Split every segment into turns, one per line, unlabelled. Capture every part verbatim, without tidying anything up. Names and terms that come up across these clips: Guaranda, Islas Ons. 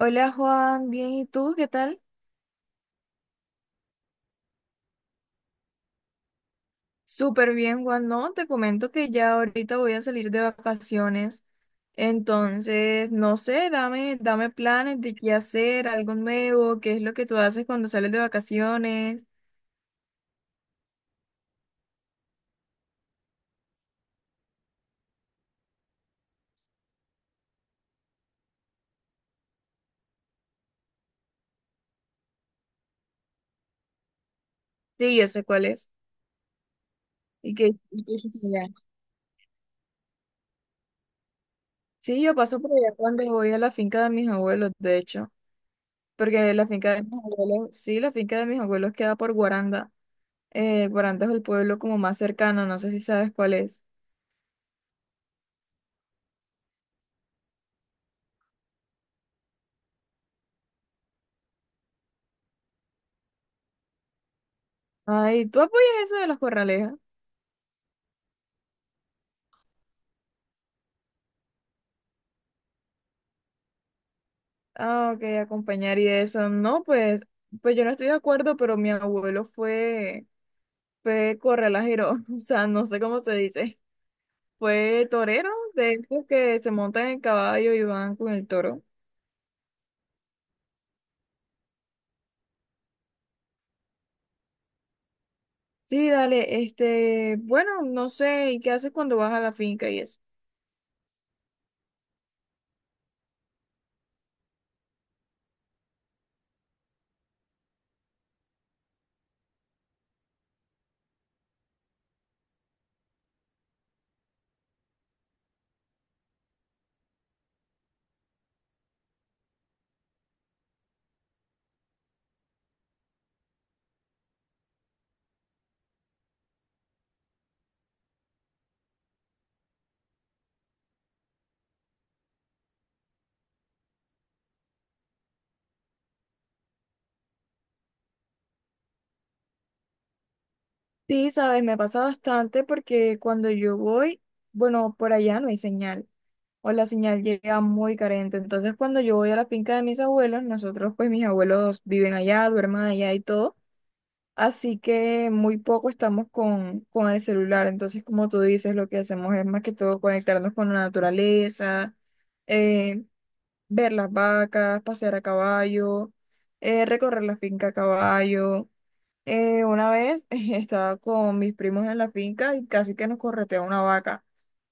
Hola Juan, bien, ¿y tú qué tal? Súper bien, Juan. No, te comento que ya ahorita voy a salir de vacaciones. Entonces, no sé, dame, dame planes de qué hacer, algo nuevo, qué es lo que tú haces cuando sales de vacaciones. Sí, yo sé cuál es. ¿Y qué, y qué hiciste allá? Sí, yo paso por allá cuando voy a la finca de mis abuelos, de hecho. Porque la finca de mis abuelos, sí, la finca de mis abuelos queda por Guaranda. Eh, Guaranda es el pueblo como más cercano, no sé si sabes cuál es. Ay, ¿tú apoyas eso de las corralejas? Ah, ok, acompañar y eso. No, pues, pues yo no estoy de acuerdo, pero mi abuelo fue, fue corralajero, o sea, no sé cómo se dice. Fue torero, de esos que se montan en caballo y van con el toro. Sí, dale, este, bueno, no sé, ¿y qué haces cuando vas a la finca y eso? Sí, sabes, me pasa bastante porque cuando yo voy, bueno, por allá no hay señal. O la señal llega muy carente. Entonces, cuando yo voy a la finca de mis abuelos, nosotros, pues mis abuelos viven allá, duermen allá y todo, así que muy poco estamos con, con el celular. Entonces, como tú dices, lo que hacemos es más que todo conectarnos con la naturaleza, eh, ver las vacas, pasear a caballo, eh, recorrer la finca a caballo. Eh, una vez estaba con mis primos en la finca y casi que nos corretea una vaca.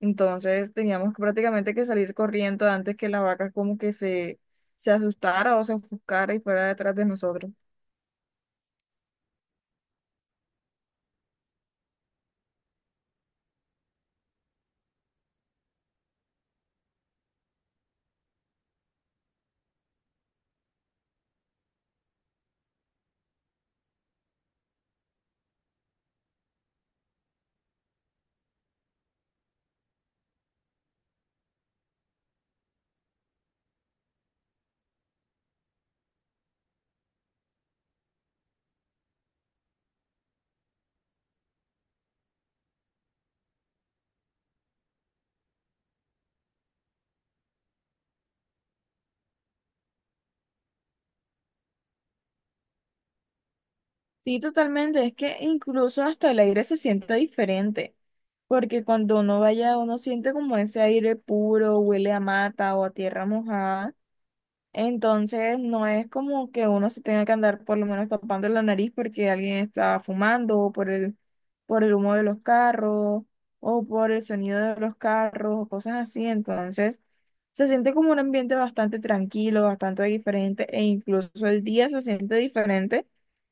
Entonces teníamos que prácticamente que salir corriendo antes que la vaca como que se, se asustara o se ofuscara y fuera detrás de nosotros. Sí, totalmente. Es que incluso hasta el aire se siente diferente, porque cuando uno vaya, uno siente como ese aire puro, huele a mata o a tierra mojada. Entonces, no es como que uno se tenga que andar por lo menos tapando la nariz porque alguien está fumando o por el, por el humo de los carros o por el sonido de los carros o cosas así. Entonces, se siente como un ambiente bastante tranquilo, bastante diferente e incluso el día se siente diferente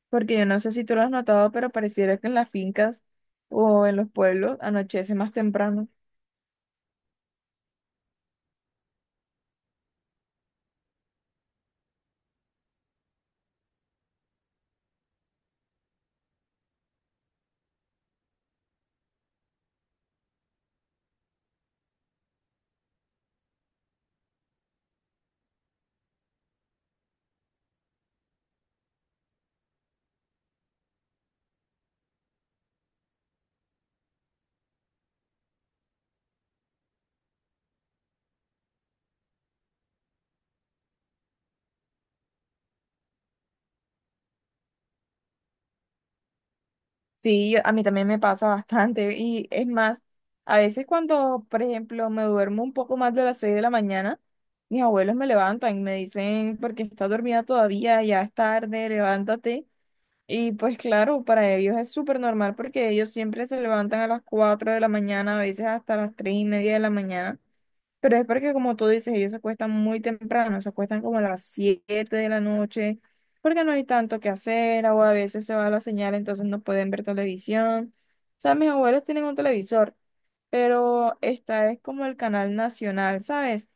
porque yo no sé si tú lo has notado, pero pareciera que en las fincas o en los pueblos anochece más temprano. Sí, yo- a mí también me pasa bastante y es más, a veces cuando, por ejemplo, me duermo un poco más de las seis de la mañana, mis abuelos me levantan y me dicen, porque estás dormida todavía, ya es tarde, levántate. Y pues claro, para ellos es súper normal porque ellos siempre se levantan a las cuatro de la mañana, a veces hasta las tres y media de la mañana. Pero es porque, como tú dices, ellos se acuestan muy temprano, se acuestan como a las siete de la noche, porque no hay tanto que hacer, o a veces se va la señal, entonces no pueden ver televisión. O sea, mis abuelos tienen un televisor, pero esta es como el canal nacional, ¿sabes?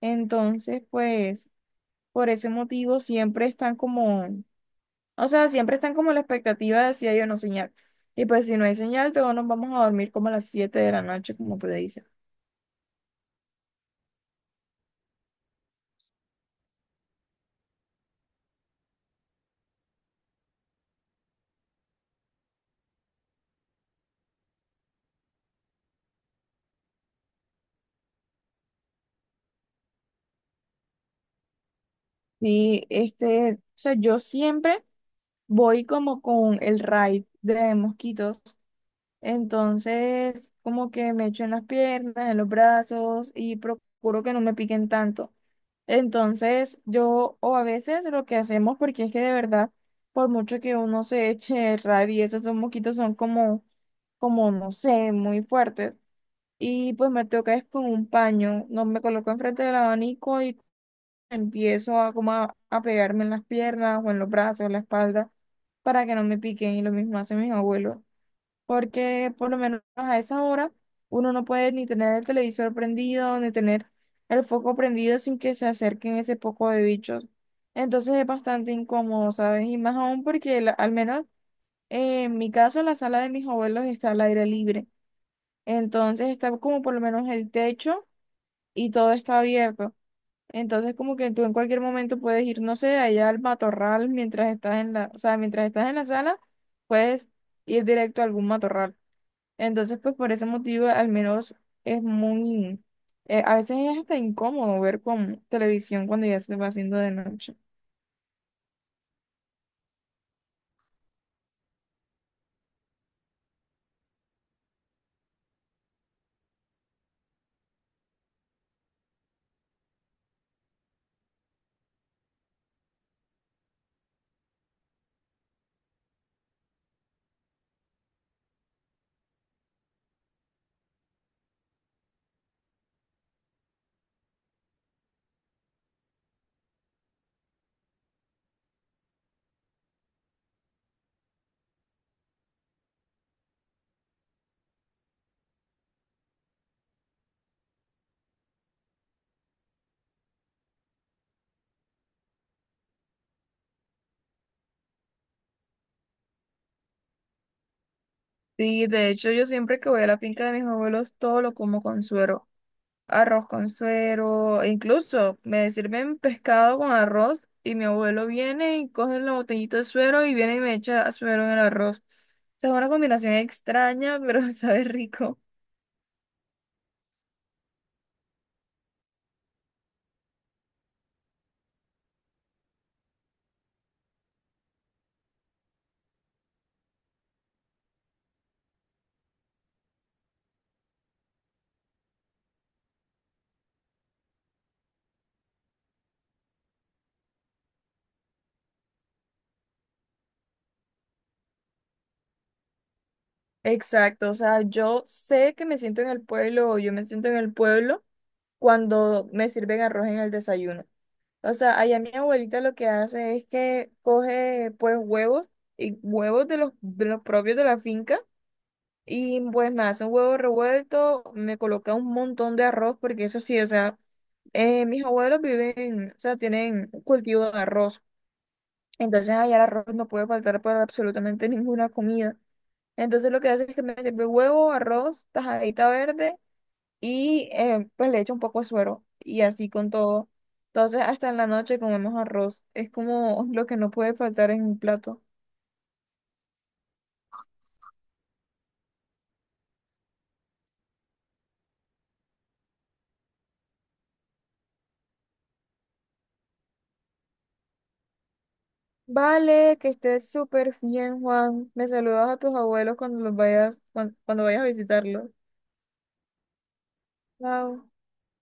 Entonces, pues, por ese motivo siempre están como, o sea, siempre están como la expectativa de si hay o no señal. Y pues, si no hay señal, todos nos vamos a dormir como a las siete de la noche, como te dicen. Sí, este, o sea, yo siempre. Voy como con el raid de mosquitos. Entonces, como que me echo en las piernas, en los brazos y procuro que no me piquen tanto. Entonces, yo, o a veces lo que hacemos, porque es que de verdad, por mucho que uno se eche el raid y esos son mosquitos son como, como, no sé, muy fuertes. Y pues me toca es con un paño, no me coloco enfrente del abanico y empiezo a como a, a pegarme en las piernas o en los brazos, en la espalda, para que no me piquen y lo mismo hacen mis abuelos, porque por lo menos a esa hora uno no puede ni tener el televisor prendido, ni tener el foco prendido sin que se acerquen ese poco de bichos. Entonces es bastante incómodo, ¿sabes? Y más aún porque la- al menos eh, en mi caso la sala de mis abuelos está al aire libre, entonces está como por lo menos el techo y todo está abierto. Entonces, como que tú en cualquier momento puedes ir, no sé, allá al matorral mientras estás en la, o sea, mientras estás en la sala, puedes ir directo a algún matorral. Entonces, pues por ese motivo, al menos es muy, eh, a veces es hasta incómodo ver con televisión cuando ya se va haciendo de noche. Sí, de hecho yo siempre que voy a la finca de mis abuelos todo lo como con suero. Arroz con suero, e incluso me sirven pescado con arroz y mi abuelo viene y coge la botellita de suero y viene y me echa suero en el arroz. O sea, es una combinación extraña, pero sabe rico. Exacto, o sea, yo sé que me siento en el pueblo o yo me siento en el pueblo cuando me sirven arroz en el desayuno. O sea, allá mi abuelita lo que hace es que coge pues huevos y huevos de los, de los propios de la finca. Y pues me hace un huevo revuelto, me coloca un montón de arroz, porque eso sí, o sea, eh, mis abuelos viven, o sea, tienen un cultivo de arroz. Entonces allá el arroz no puede faltar para absolutamente ninguna comida. Entonces lo que hace es que me sirve huevo, arroz, tajadita verde y eh, pues le echo un poco de suero y así con todo. Entonces hasta en la noche comemos arroz. Es como lo que no puede faltar en un plato. Vale, que estés súper bien, Juan. Me saludas a tus abuelos cuando los vayas, cuan- cuando vayas a visitarlos. Chao.